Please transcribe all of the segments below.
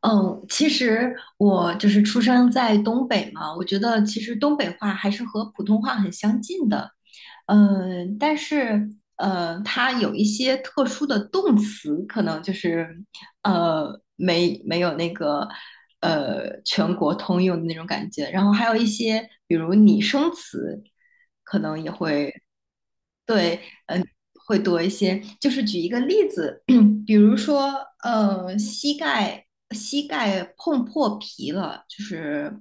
嗯，其实我就是出生在东北嘛，我觉得其实东北话还是和普通话很相近的，但是它有一些特殊的动词，可能就是没有那个全国通用的那种感觉，然后还有一些比如拟声词，对。会多一些。就是举一个例子，比如说，膝盖碰破皮了，就是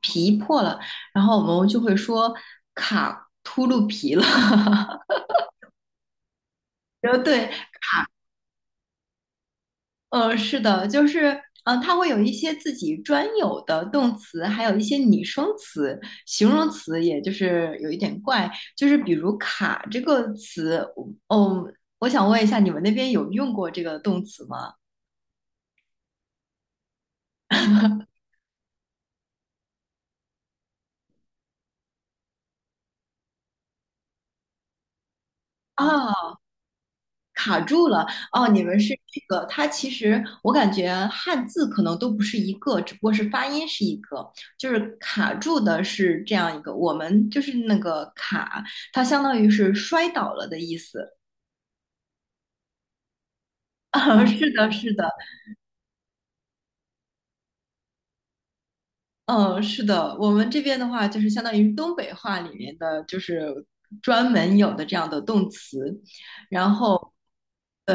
皮破了，然后我们就会说卡秃噜皮了。然后对，是的，就是。嗯，它会有一些自己专有的动词，还有一些拟声词、形容词，也就是有一点怪。就是比如"卡"这个词，我想问一下，你们那边有用过这个动词吗？啊，卡住了哦，你们是这个，它其实我感觉汉字可能都不是一个，只不过是发音是一个，就是卡住的是这样一个，我们就是那个卡，它相当于是摔倒了的意思。啊，是的，哦是的，嗯，是的，我们这边的话就是相当于东北话里面的，就是专门有的这样的动词，然后对，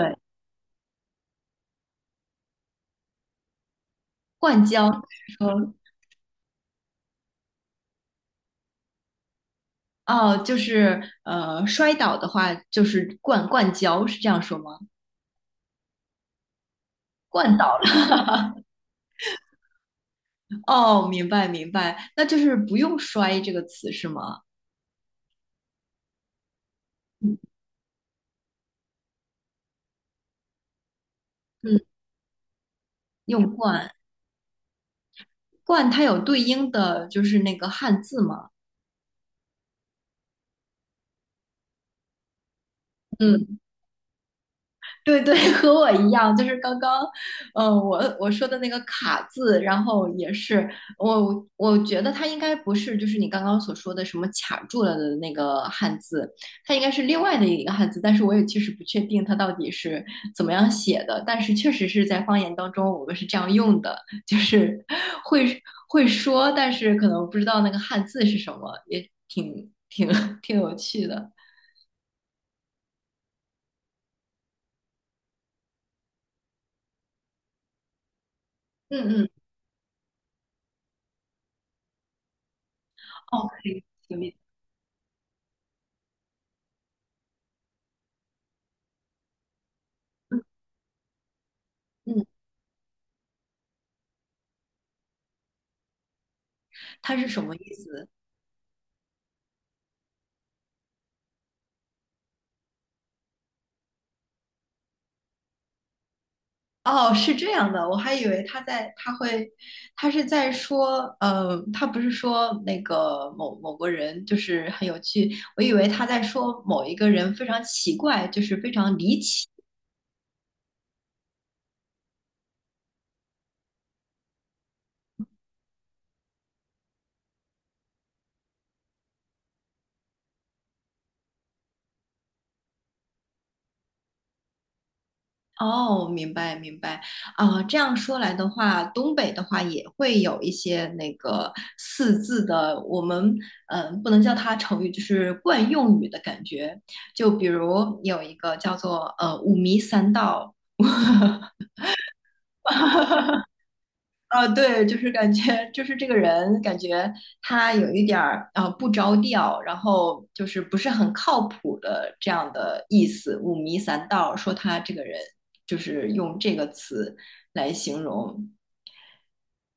灌胶，说哦，就是摔倒的话就是灌胶，是这样说吗？灌倒了。哦，明白明白，那就是不用"摔"这个词是吗？嗯，用"灌"，"灌"它有对应的就是那个汉字吗？嗯。对对，和我一样，就是刚刚，我说的那个卡字，然后也是我觉得它应该不是就是你刚刚所说的什么卡住了的那个汉字，它应该是另外的一个汉字，但是我也确实不确定它到底是怎么样写的，但是确实是在方言当中我们是这样用的，就是会会说，但是可能不知道那个汉字是什么，也挺有趣的。嗯嗯，哦，可以，嗯嗯。他是什么意思？哦，是这样的，我还以为他在他会，他是在说，他不是说那个某某个人就是很有趣，我以为他在说某一个人非常奇怪，就是非常离奇。哦，明白明白啊，这样说来的话，东北的话也会有一些那个四字的，我们不能叫它成语，就是惯用语的感觉。就比如有一个叫做五迷三道，啊，对，就是感觉，就是这个人感觉他有一点儿啊、不着调，然后就是不是很靠谱的这样的意思，五迷三道，说他这个人就是用这个词来形容，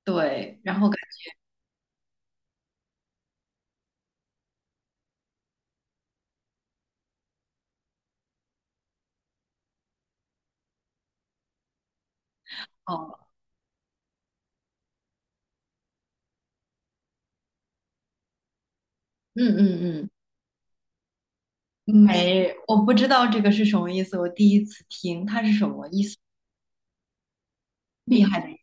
对，然后感觉哦，嗯嗯嗯，没，我不知道这个是什么意思，我第一次听，他是什么意思？厉害的。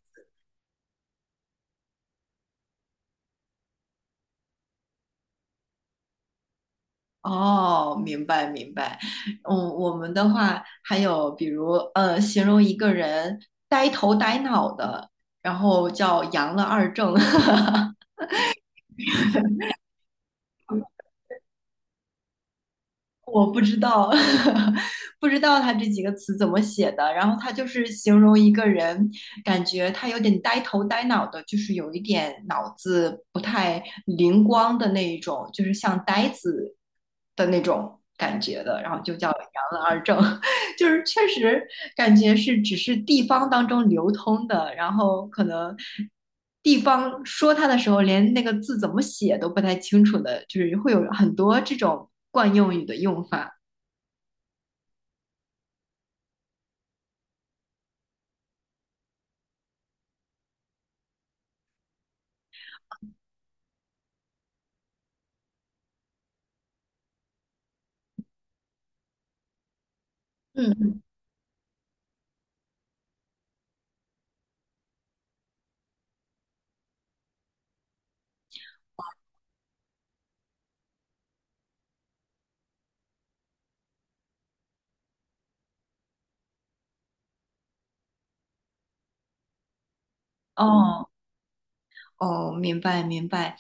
哦，明白明白。嗯，我们的话还有比如形容一个人呆头呆脑的，然后叫"阳了二正"，我不知道 不知道他这几个词怎么写的。然后他就是形容一个人，感觉他有点呆头呆脑的，就是有一点脑子不太灵光的那一种，就是像呆子的那种感觉的，然后就叫"阳了二正"，就是确实感觉是只是地方当中流通的，然后可能地方说它的时候，连那个字怎么写都不太清楚的，就是会有很多这种惯用语的用法。嗯，哦，哦，明白明白。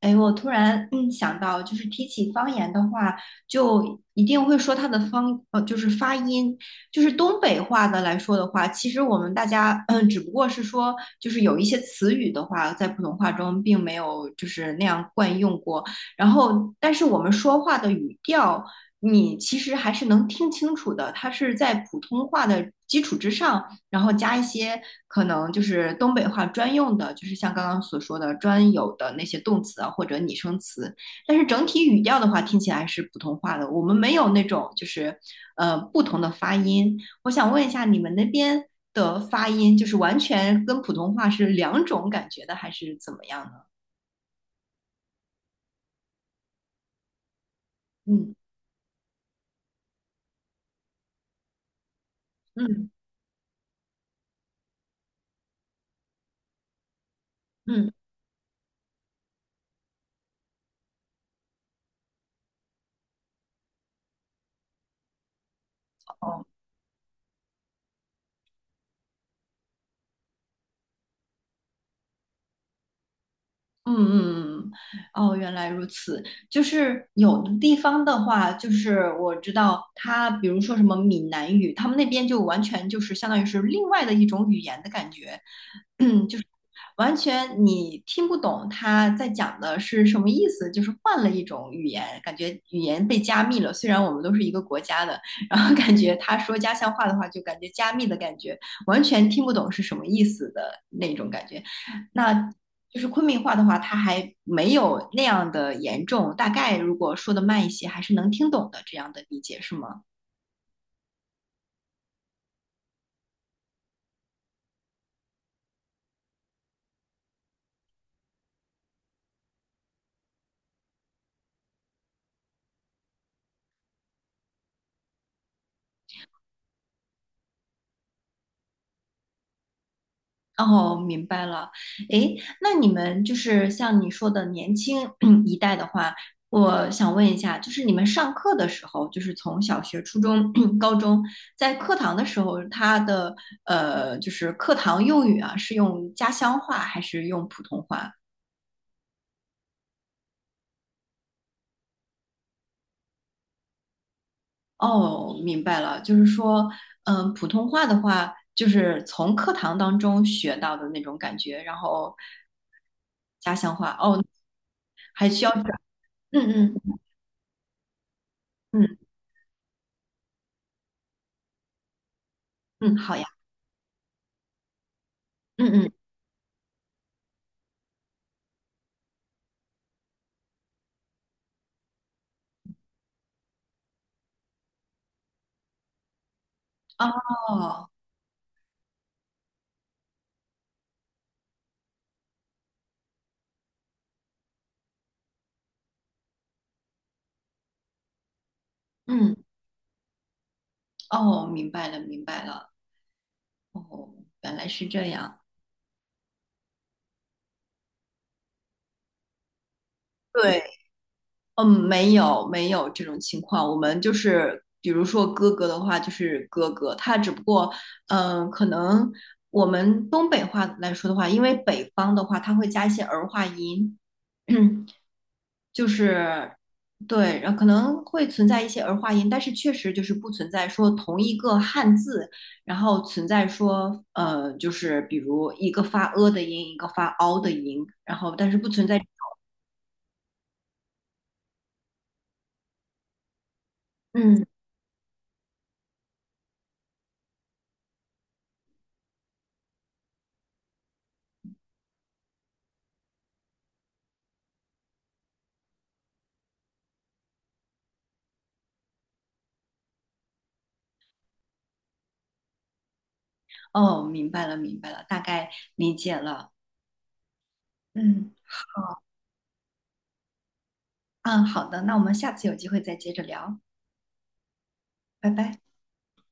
哎，我突然想到，就是提起方言的话，就一定会说它的就是发音，就是东北话的来说的话，其实我们大家只不过是说，就是有一些词语的话，在普通话中并没有就是那样惯用过。然后，但是我们说话的语调，你其实还是能听清楚的，它是在普通话的基础之上。然后加一些可能就是东北话专用的，就是像刚刚所说的专有的那些动词啊或者拟声词。但是整体语调的话，听起来是普通话的，我们没有那种就是不同的发音。我想问一下，你们那边的发音就是完全跟普通话是两种感觉的，还是怎么样呢？嗯嗯嗯，哦。嗯嗯嗯，哦，原来如此。就是有的地方的话，就是我知道他，比如说什么闽南语，他们那边就完全就是相当于是另外的一种语言的感觉。嗯，就是完全你听不懂他在讲的是什么意思，就是换了一种语言，感觉语言被加密了。虽然我们都是一个国家的，然后感觉他说家乡话的话，就感觉加密的感觉，完全听不懂是什么意思的那种感觉。那就是昆明话的话，它还没有那样的严重，大概如果说的慢一些，还是能听懂的这样的理解，是吗？哦，明白了。诶，那你们就是像你说的年轻 一代的话，我想问一下，就是你们上课的时候，就是从小学、初中、高中，在课堂的时候，他的就是课堂用语啊，是用家乡话还是用普通话？哦，明白了，就是说，普通话的话，就是从课堂当中学到的那种感觉，然后家乡话，哦，还需要转，嗯嗯。嗯嗯，好呀，嗯嗯，哦，嗯，哦，明白了，明白了，哦，原来是这样。对，嗯，没有没有这种情况，我们就是比如说哥哥的话，就是哥哥，他只不过，可能我们东北话来说的话，因为北方的话，他会加一些儿化音，就是对，然后可能会存在一些儿化音，但是确实就是不存在说同一个汉字，然后存在说就是比如一个发呃的音，一个发凹的音，然后但是不存在。嗯，哦，明白了，明白了，大概理解了。嗯，好，嗯，好的，那我们下次有机会再接着聊，拜拜。